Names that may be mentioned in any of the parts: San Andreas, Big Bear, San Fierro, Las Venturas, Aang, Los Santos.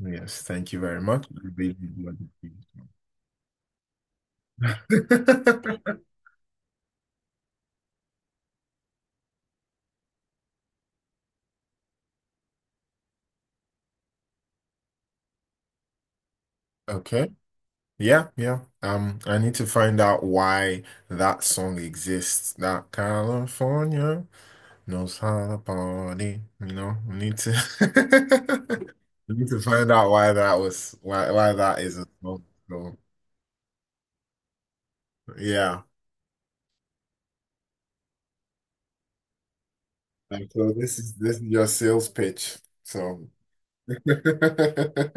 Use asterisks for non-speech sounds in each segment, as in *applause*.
Yes, thank you very much. I really enjoyed the *laughs* Okay. Yeah, yeah. I need to find out why that song exists. That California knows how to party. I need to *laughs* I need to find out why that was why that is a song. So yeah. And so this is your sales pitch. So *laughs*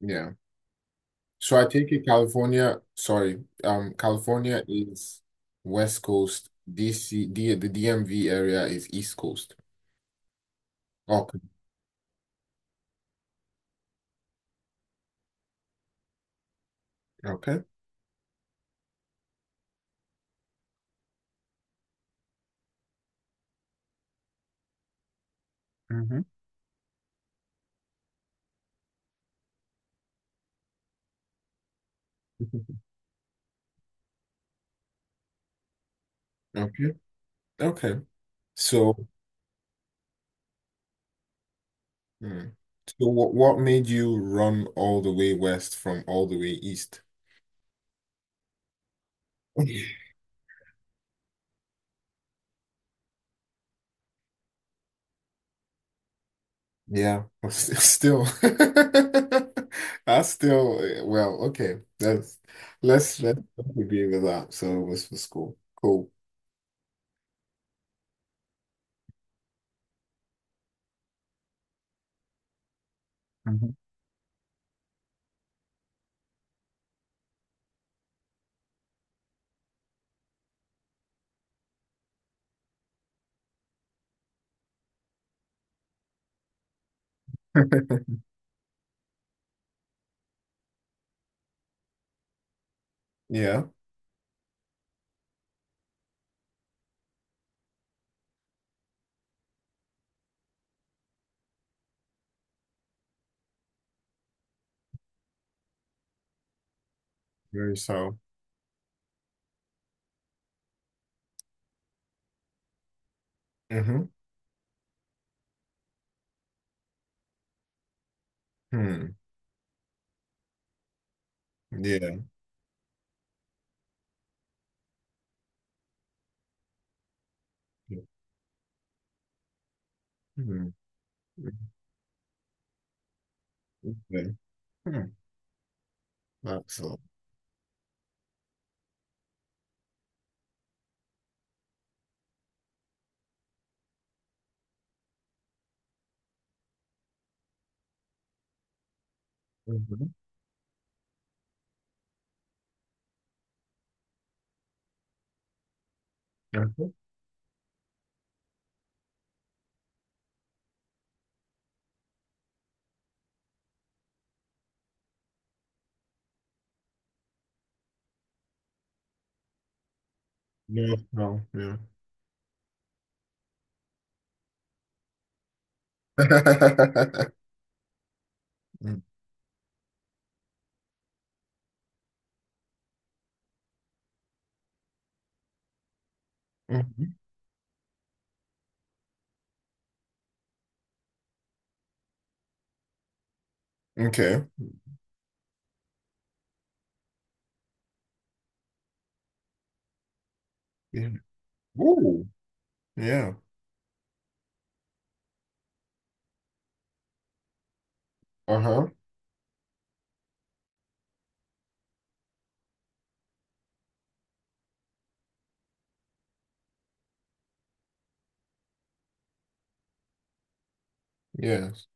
yeah. So I take it California, sorry, California is West Coast, the DMV area is East Coast. Okay, okay, hmm *laughs* okay, okay. So, hmm. So what made you run all the way west from all the way east? *laughs* Yeah, *laughs* still, *laughs* I still, eh, well, okay, that's let's agree with that. So it was for school, cool. Hmm *laughs* Yeah, very so. Mm-hmm. Hmm. Yeah. Yeah. Hmm. Mm. Okay. Hmm. Excellent. Mm-hmm. Hmm. Yeah. No. Yeah. *laughs* Mm-hmm. Okay. Yeah. Ooh. Yeah. Uh-huh. Yes.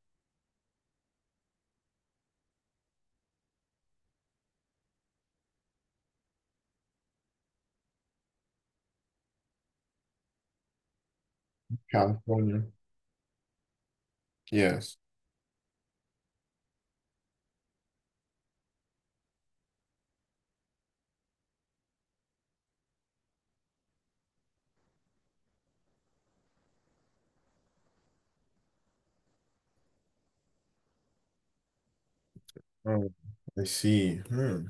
California. Yes. Oh, I see. Hmm.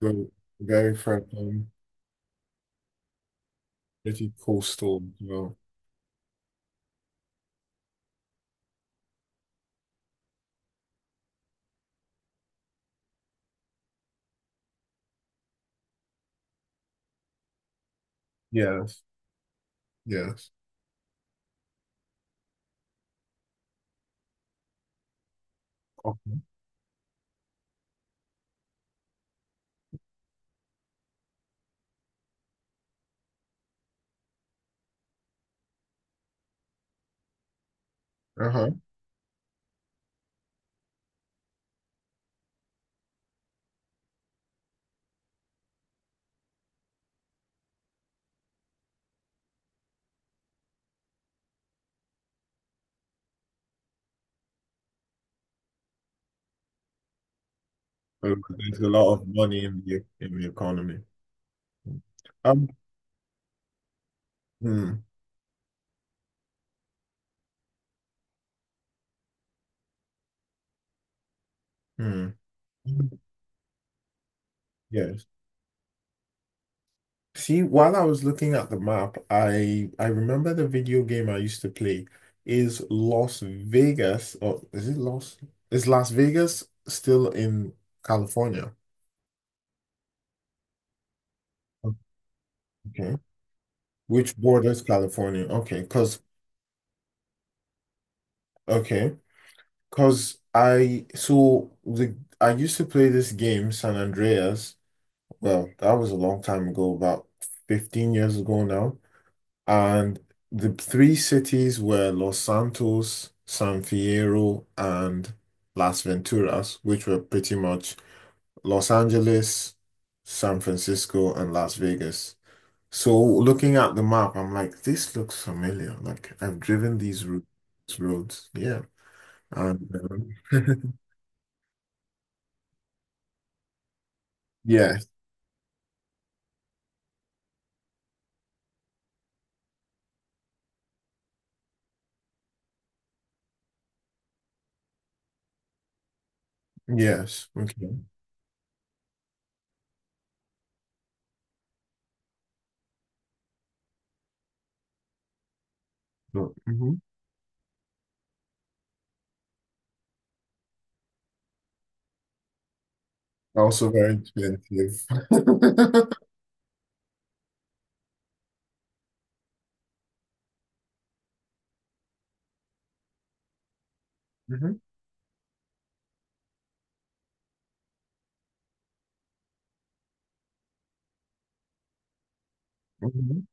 So very from pretty coastal as well. Yes. Yes. Okay. Uh-huh. So there's a lot of money in the economy. Um. Hmm. Hmm. Yes. See, while I was looking at the map, I remember the video game I used to play is Las Vegas, or is it Las? Is Las Vegas still in California? Okay. Which borders California? Okay, cause I so the I used to play this game, San Andreas. Well, that was a long time ago, about 15 years ago now. And the three cities were Los Santos, San Fierro, and Las Venturas, which were pretty much Los Angeles, San Francisco, and Las Vegas. So looking at the map, I'm like, this looks familiar. Like I've driven roads. Yeah. And *laughs* yes, yes. Okay. So, mhm. Also very expensive. *laughs* Mhm, mhm.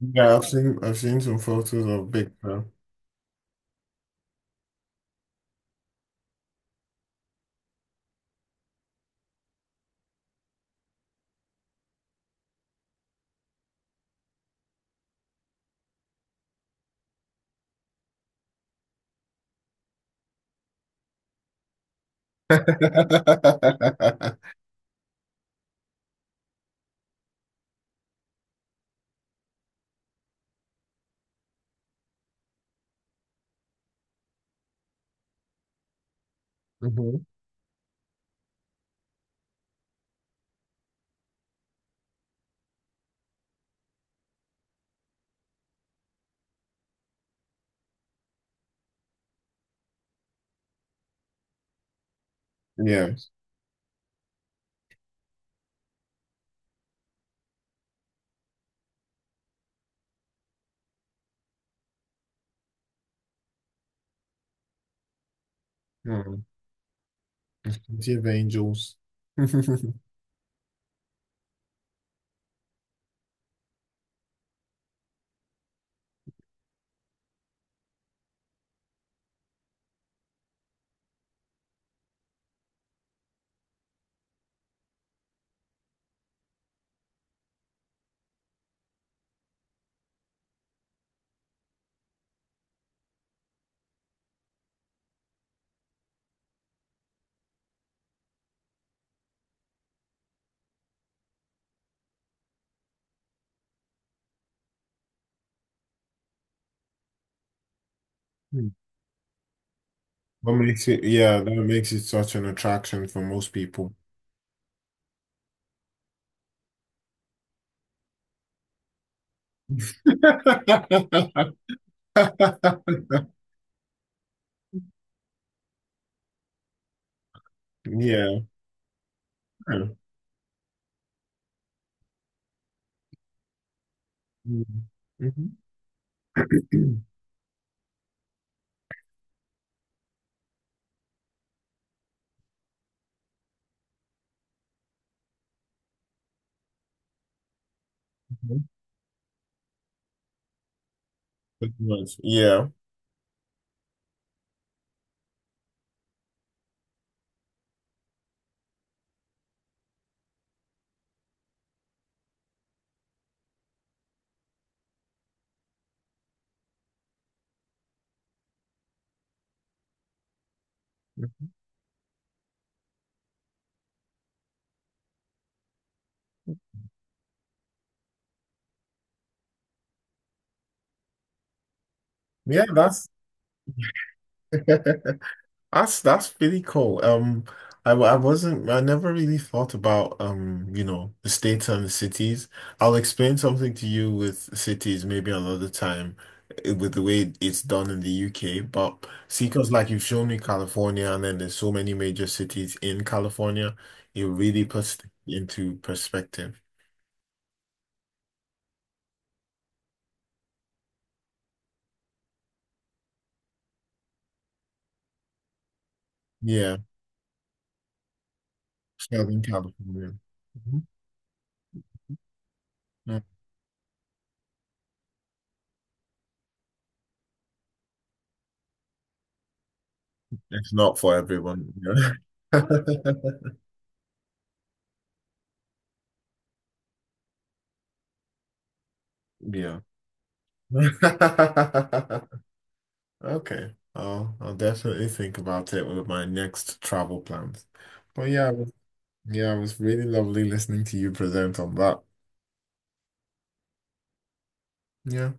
Yeah, I've seen some photos of Big Bear. *laughs* Mhm. Yeah. Mm. Plenty of angels. *laughs* What yeah, that makes it such an attraction for most people. *laughs* Yeah. Mm. Mhm. *clears throat* Pretty much. Yeah. Yeah, that's *laughs* that's really cool. I, w- I wasn't I never really thought about the states and the cities. I'll explain something to you with cities maybe another time, with the way it's done in the UK. But see, because like you've shown me California, and then there's so many major cities in California, it really puts it into perspective. Yeah, Southern California. Mhm. Mm. It's not for everyone. You *laughs* Yeah. *laughs* Okay. I'll definitely think about it with my next travel plans. But yeah, it was really lovely listening to you present on that. Yeah.